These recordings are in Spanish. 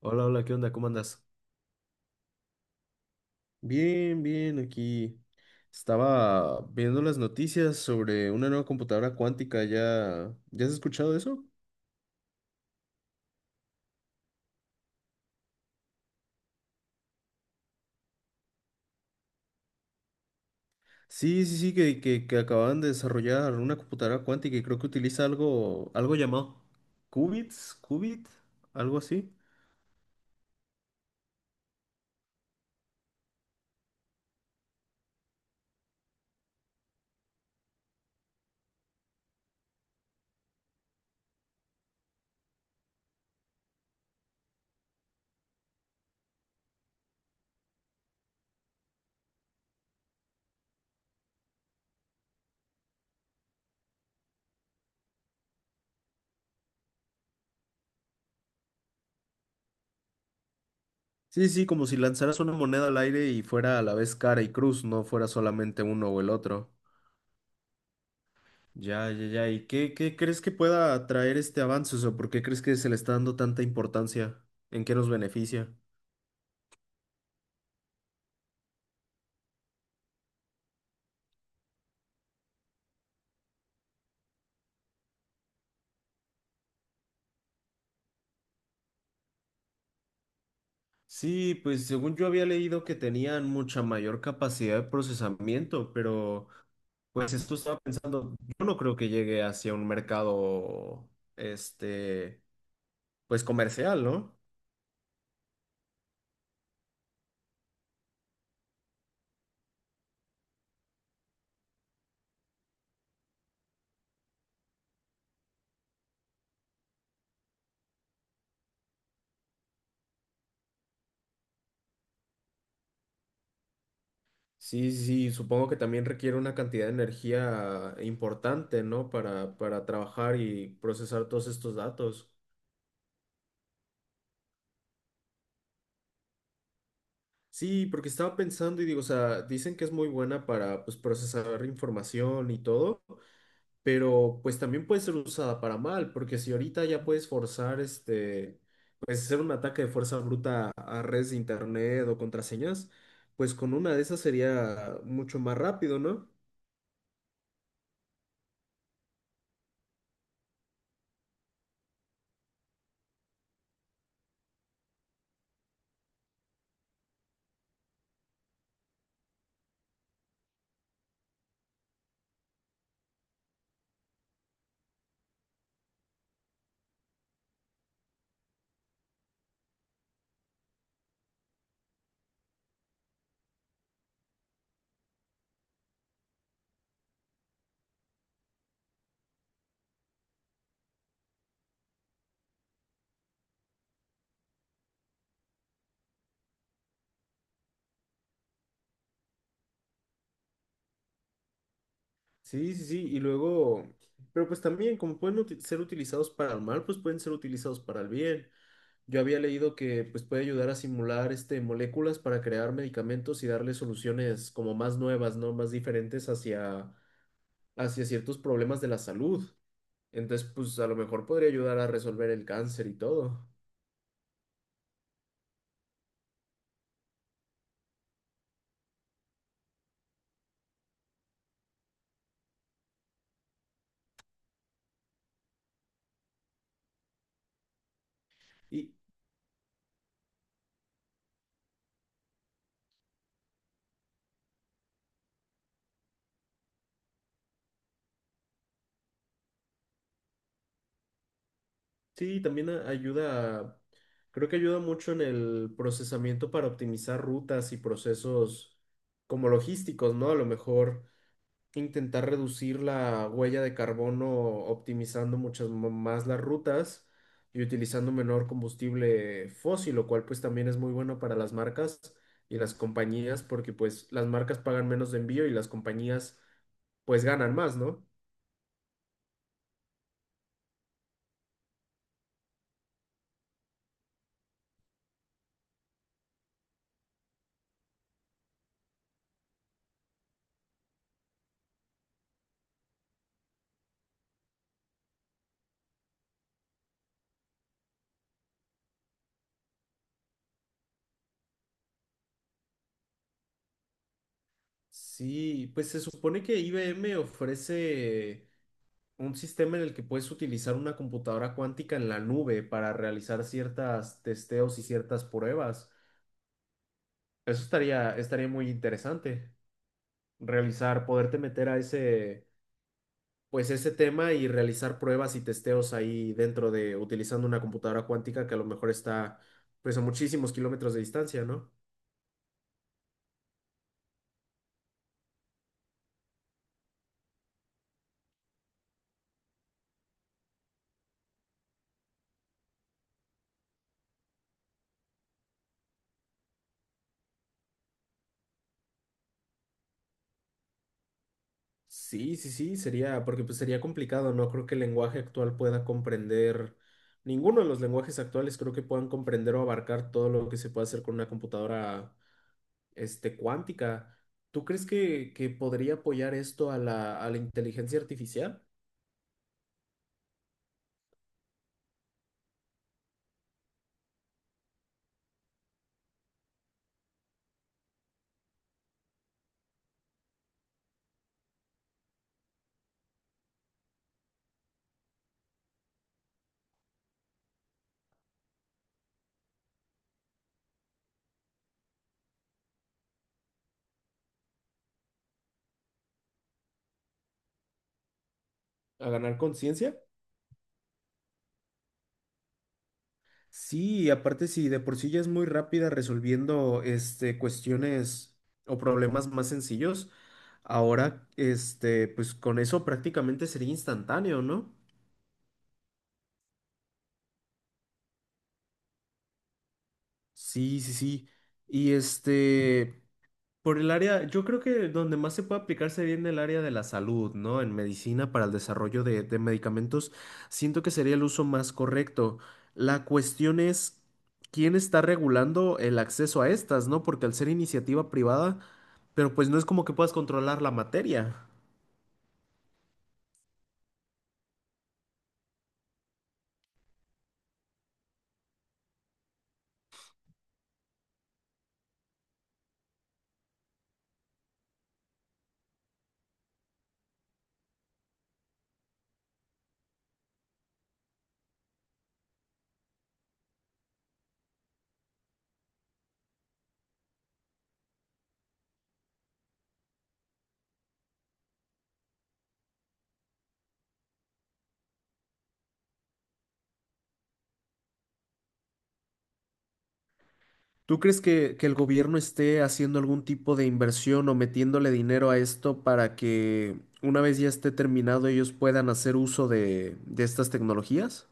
Hola, hola, ¿qué onda? ¿Cómo andas? Bien, bien, aquí estaba viendo las noticias sobre una nueva computadora cuántica. ¿Ya has escuchado eso? Sí, sí, sí, que acaban de desarrollar una computadora cuántica y creo que utiliza algo llamado qubits, algo así. Sí, sí, como si lanzaras una moneda al aire y fuera a la vez cara y cruz, no fuera solamente uno o el otro. Ya, ya, ya. ¿Y qué crees que pueda traer este avance? O sea, ¿por qué crees que se le está dando tanta importancia? ¿En qué nos beneficia? Sí, pues según yo había leído que tenían mucha mayor capacidad de procesamiento, pero pues esto estaba pensando, yo no creo que llegue hacia un mercado, este, pues comercial, ¿no? Sí, sí, supongo que también requiere una cantidad de energía importante, ¿no? Para trabajar y procesar todos estos datos. Sí, porque estaba pensando y digo, o sea, dicen que es muy buena para pues procesar información y todo, pero pues también puede ser usada para mal, porque si ahorita ya puedes forzar este, pues hacer un ataque de fuerza bruta a redes de internet o contraseñas, pues con una de esas sería mucho más rápido, ¿no? Sí, sí, sí, y luego, pero pues también como pueden ser utilizados para el mal, pues pueden ser utilizados para el bien. Yo había leído que pues, puede ayudar a simular este, moléculas para crear medicamentos y darle soluciones como más nuevas, ¿no? Más diferentes hacia ciertos problemas de la salud. Entonces, pues a lo mejor podría ayudar a resolver el cáncer y todo. Y sí, también ayuda, creo que ayuda mucho en el procesamiento para optimizar rutas y procesos como logísticos, ¿no? A lo mejor intentar reducir la huella de carbono optimizando muchas más las rutas y utilizando menor combustible fósil, lo cual pues también es muy bueno para las marcas y las compañías porque pues las marcas pagan menos de envío y las compañías pues ganan más, ¿no? Sí, pues se supone que IBM ofrece un sistema en el que puedes utilizar una computadora cuántica en la nube para realizar ciertas testeos y ciertas pruebas. Eso estaría muy interesante. Realizar, poderte meter a ese, pues ese tema y realizar pruebas y testeos ahí dentro de, utilizando una computadora cuántica que a lo mejor está, pues a muchísimos kilómetros de distancia, ¿no? Sí, sí, sí, sería, porque pues sería complicado, no creo que el lenguaje actual pueda comprender, ninguno de los lenguajes actuales creo que puedan comprender o abarcar todo lo que se puede hacer con una computadora, este, cuántica. ¿Tú crees que podría apoyar esto a la inteligencia artificial? ¿A ganar conciencia? Sí, y aparte si de por sí ya es muy rápida resolviendo este, cuestiones o problemas más sencillos, ahora este, pues con eso prácticamente sería instantáneo, ¿no? Sí, sí, sí. Y este, por el área, yo creo que donde más se puede aplicarse bien el área de la salud, ¿no? En medicina para el desarrollo de medicamentos, siento que sería el uso más correcto. La cuestión es quién está regulando el acceso a estas, ¿no? Porque al ser iniciativa privada, pero pues no es como que puedas controlar la materia. ¿Tú crees que el gobierno esté haciendo algún tipo de inversión o metiéndole dinero a esto para que una vez ya esté terminado ellos puedan hacer uso de estas tecnologías?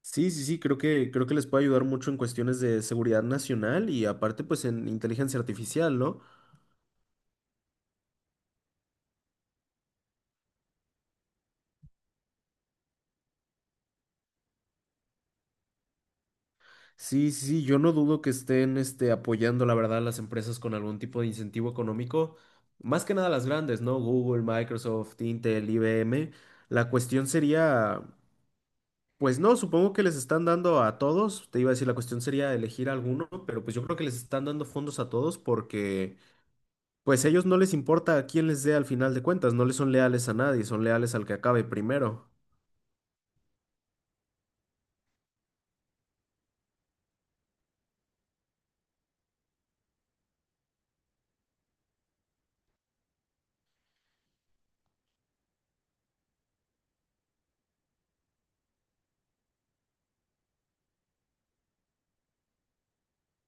Sí, sí, sí, creo que les puede ayudar mucho en cuestiones de seguridad nacional y aparte pues en inteligencia artificial, ¿no? Sí, sí, sí, yo no dudo que estén este, apoyando, la verdad, a las empresas con algún tipo de incentivo económico, más que nada las grandes, ¿no? Google, Microsoft, Intel, IBM. La cuestión sería, pues no, supongo que les están dando a todos, te iba a decir, la cuestión sería elegir alguno, pero pues yo creo que les están dando fondos a todos porque... Pues a ellos no les importa a quién les dé al final de cuentas, no les son leales a nadie, son leales al que acabe primero.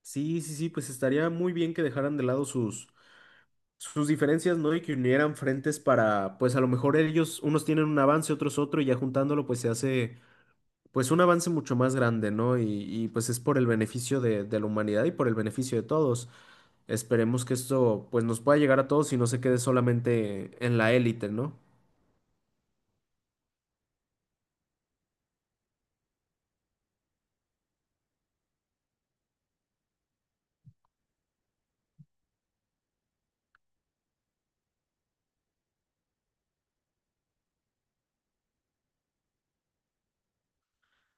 Sí, sí, sí, pues estaría muy bien que dejaran de lado sus, sus diferencias, ¿no? Y que unieran frentes para, pues a lo mejor ellos, unos tienen un avance, otros otro, y ya juntándolo, pues se hace, pues un avance mucho más grande, ¿no? Y, pues es por el beneficio de la humanidad y por el beneficio de todos. Esperemos que esto, pues nos pueda llegar a todos y no se quede solamente en la élite, ¿no?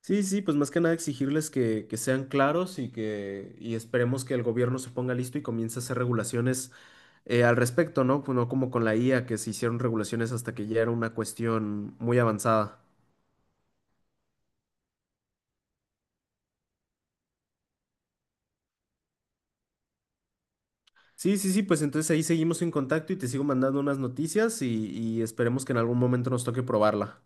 Sí, sí, pues más que nada exigirles que sean claros y que y esperemos que el gobierno se ponga listo y comience a hacer regulaciones al respecto, ¿no? Pues no como con la IA, que se hicieron regulaciones hasta que ya era una cuestión muy avanzada. Sí, sí, sí, pues entonces ahí seguimos en contacto y te sigo mandando unas noticias y esperemos que en algún momento nos toque probarla.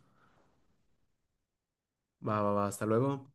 Va, va, va, hasta luego.